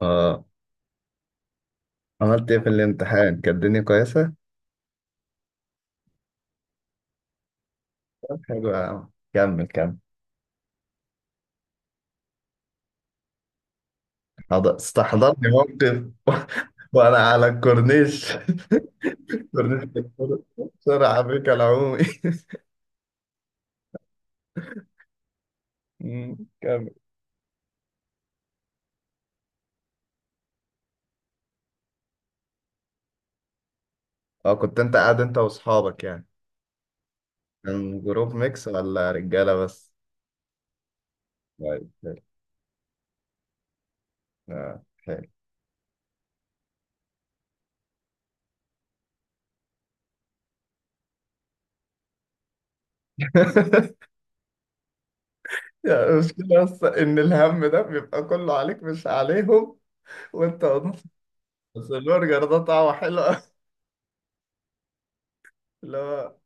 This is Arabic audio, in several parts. اه، عملت ايه في الامتحان؟ كانت الدنيا كويسة؟ طب حلو يا عم، كمل كمل. استحضرني موقف وانا على الكورنيش. كورنيش؟ بسرعة بك العمومي. مم، كمل. اه، كنت انت قاعد انت واصحابك يعني؟ كان جروب ميكس ولا رجالة بس؟ طيب حلو. اه، حلو. يعني المشكلة بس إن الهم ده بيبقى كله عليك مش عليهم، وأنت واضح. بس البرجر ده طعمه حلو أوي. لا.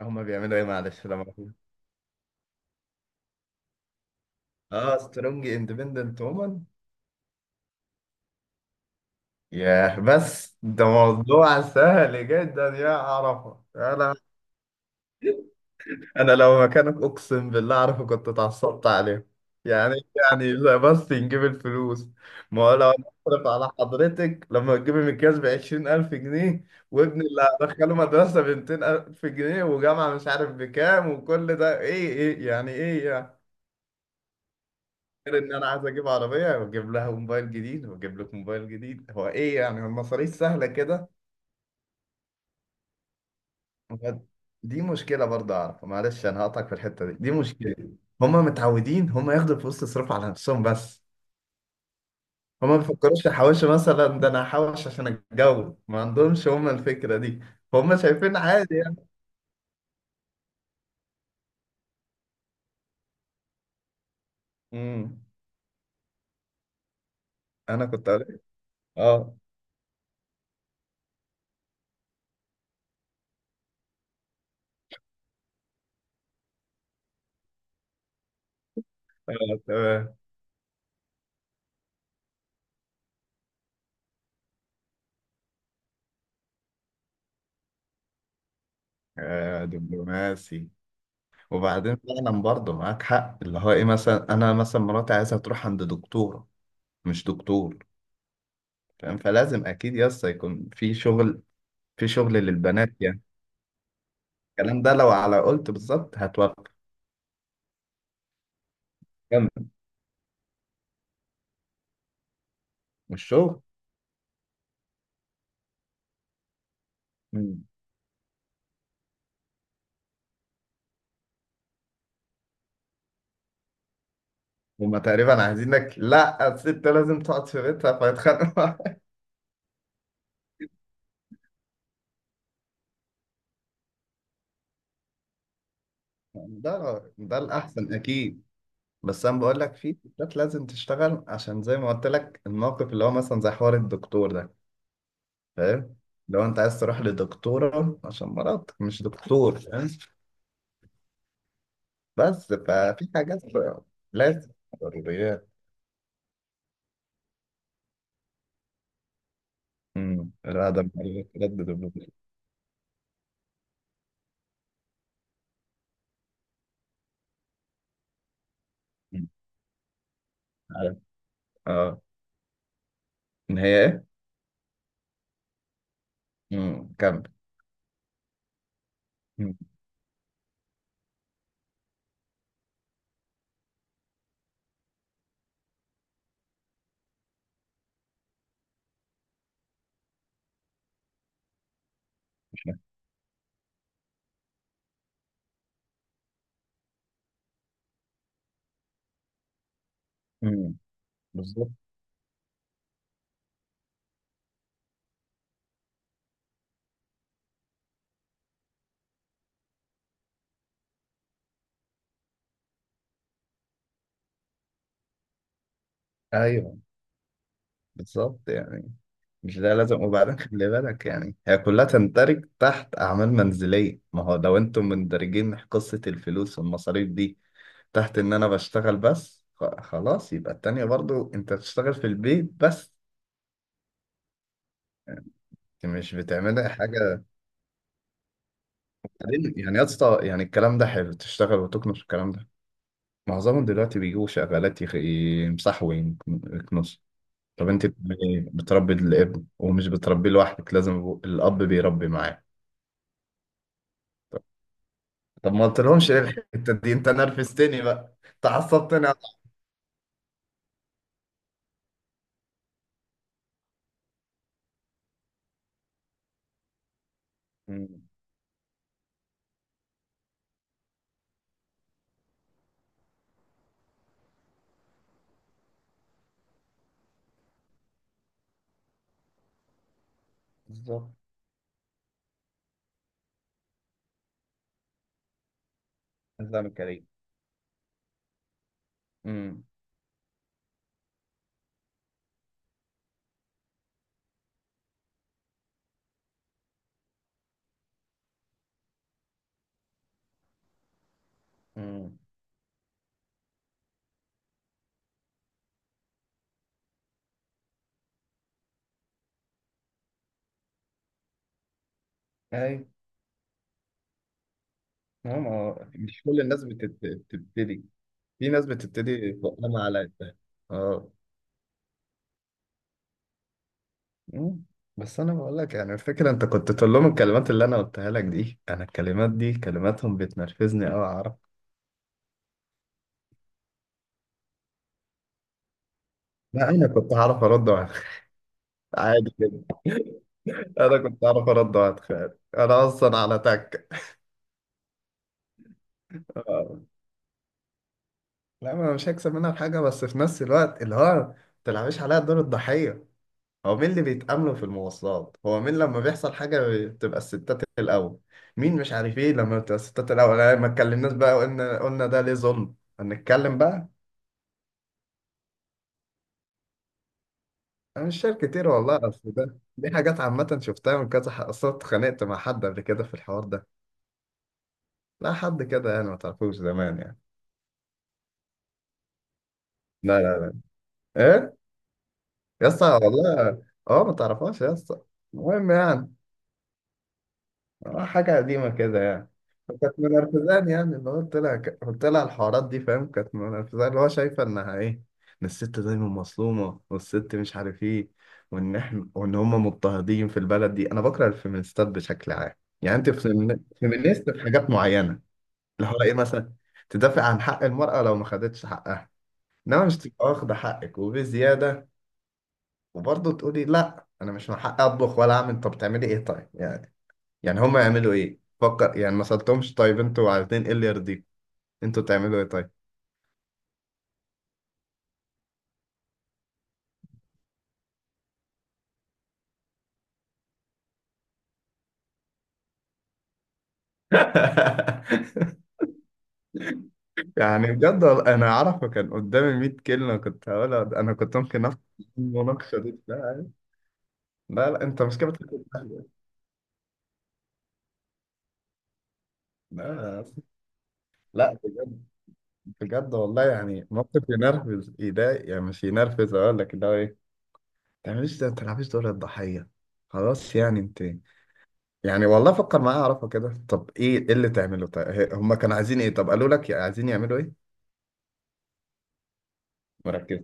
هما بيعملوا ايه؟ معلش لما اه، سترونج اندبندنت وومن. ياه، بس ده موضوع سهل جدا يا عرفة. انا، انا لو مكانك اقسم بالله عارفة كنت اتعصبت عليه. يعني، يعني لا بس نجيب الفلوس؟ ما هو لو انا اصرف على حضرتك لما تجيب المكياج ب 20,000 جنيه، وابني اللي هدخله مدرسة ب 200,000 جنيه، وجامعة مش عارف بكام، وكل ده ايه؟ ايه يعني؟ ايه يعني؟ غير ان انا عايز اجيب عربيه، واجيب لها موبايل جديد، واجيب لك موبايل جديد، هو ايه يعني؟ هو المصاريف سهله كده؟ هو دي مشكله برضه اعرف، معلش انا هقطعك في الحته دي، دي مشكله. هما متعودين هما ياخدوا فلوس تصرف على نفسهم بس. هما ما بيفكروش يحوشوا مثلا، ده انا هحوش عشان اتجوز، ما عندهمش هما الفكره دي. هما شايفين عادي يعني. امم. انا كنت قلت اه. آه، تمام. آه، دبلوماسي. وبعدين فعلا برضه معاك حق، اللي هو ايه، مثلا انا، مثلا مراتي عايزها تروح عند دكتورة، مش دكتور، فاهم؟ فلازم اكيد يكون في شغل، في شغل للبنات يعني. الكلام ده لو على قلت بالظبط هتوقف. كمل. مش شغل. مم. هما تقريبا عايزينك لا، الست لازم تقعد في بيتها فيتخانقوا. ده الاحسن اكيد. بس انا بقول لك في ستات لازم تشتغل، عشان زي ما قلت لك، الموقف اللي هو مثلا زي حوار الدكتور ده، فاهم؟ لو انت عايز تروح لدكتورة عشان مرضك، مش دكتور، فاهم؟ بس ففي حاجات لازم، ضروريات. امم، الادب. ردد البدن. أمم، عارف. اه. ان هي ايه. امم، كمل. أمم. مش عارف. أمم. بالظبط. ايوه، بالظبط يعني. مش ده لازم؟ وبعدين خلي بالك يعني، هي كلها تندرج تحت اعمال منزليه. ما هو لو انتم مندرجين قصه الفلوس والمصاريف دي تحت ان انا بشتغل بس، خلاص يبقى التانية برضو انت بتشتغل في البيت بس. انت مش بتعملي حاجة. بعدين يعني يا اسطى، يعني الكلام ده حلو، تشتغل وتكنس، الكلام ده. معظمهم دلوقتي بيجوا شغالات يمسحوا ويكنسوا. طب انت بتعملي إيه؟ بتربي الابن؟ ومش بتربيه لوحدك، لازم الاب بيربي معاه. طب ما قلتلهمش ايه الحتة دي؟ انت نرفزتني بقى، تعصبتني يا صاحبي. مم. بالظبط. نظام كريم. امم. امم. ما هو مش كل الناس بتبتدي، في ناس بتبتدي بقلم على قدها. اه. مم. بس انا بقول لك يعني، الفكره انت كنت تقول لهم الكلمات اللي انا قلتها لك دي، انا الكلمات دي كلماتهم بتنرفزني قوي، اعرف. لا، انا كنت هعرف ارد عادي جدا. انا كنت هعرف ارد واتخيل، انا اصلا على تك. آه. لا ما انا مش هكسب منها في حاجه، بس في نفس الوقت اللي هو، ما تلعبيش عليا دور الضحيه. هو مين اللي بيتأملوا في المواصلات؟ هو مين لما بيحصل حاجة بتبقى الستات الأول؟ مين مش عارف ايه لما بتبقى الستات الأول؟ أنا ما اتكلمناش بقى، وقلنا، ده ليه ظلم، هنتكلم بقى. أنا مش شايف كتير والله، أصل دي حاجات عامة شفتها من كذا حق، أصل أنا اتخانقت مع حد قبل كده في الحوار ده. لا، حد كده يعني ما تعرفوش، زمان يعني. لا، لا. إيه؟ يا اسطى والله. أه، ما تعرفهاش يا اسطى، المهم يعني. آه، حاجة قديمة كده يعني. فكانت منرفزاني يعني، اللي هو قلت لها قلت لها الحوارات دي، فاهم؟ كانت منرفزاني، اللي هو شايفة إنها إيه، إن الست دايما مظلومة، والست مش عارف إيه، وإن إحنا، وإن هما مضطهدين في البلد دي. أنا بكره الفيمينيستات بشكل عام. يعني أنت فيمينيست في حاجات معينة، اللي هو إيه مثلا، تدافع عن حق المرأة لو ما خدتش حقها، إنما مش تبقى واخدة حقك وبزيادة، وبرضه تقولي لأ أنا مش من حقي أطبخ ولا أعمل. طب تعملي إيه طيب يعني؟ يعني هم يعملوا ايه؟ فكر يعني. ما سألتهمش طيب انتوا عايزين ايه اللي يرضيكم؟ انتوا تعملوا ايه طيب؟ يعني بجد، انا اعرف كان قدامي 100 كلمه كنت هقولها، انا كنت ممكن افتح المناقشه دي. لا، لا، لا، انت مش كده، بتاكل أهل. لا، لا، بجد، بجد والله، يعني موقف ينرفز، يضايق، يعني مش ينرفز، اقول لك ده ايه، ما تعمليش ده، ما تلعبيش دور الضحيه. خلاص يعني انت، يعني والله فكر معايا اعرفه كده. طب ايه، اللي تعمله؟ طيب هم كانوا عايزين ايه؟ طب قالوا لك عايزين يعملوا إيه؟ مركز.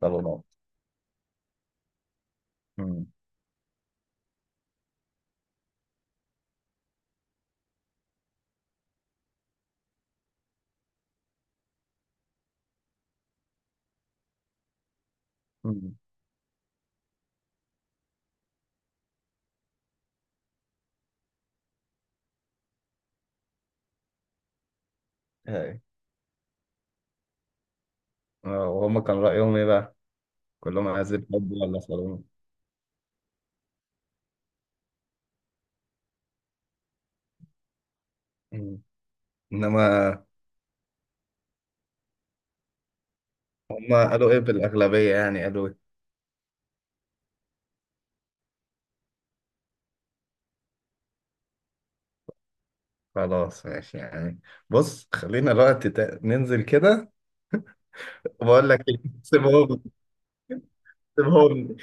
طب نقط. مم. مم. هاي. آه، وهم كان رأيهم ايه بقى؟ كلهم عايز الحب ولا صالون؟ مم. انما، هم قالوا ايه بالأغلبية يعني؟ قالوا إيه؟ خلاص، ماشي يعني. بص خلينا الوقت ننزل كده. بقول لك إيه، سيبهم، سيبهم،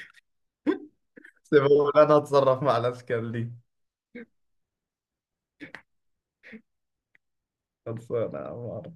سيبهم، انا اتصرف مع الاشكال دي. خلصانه يا عمار.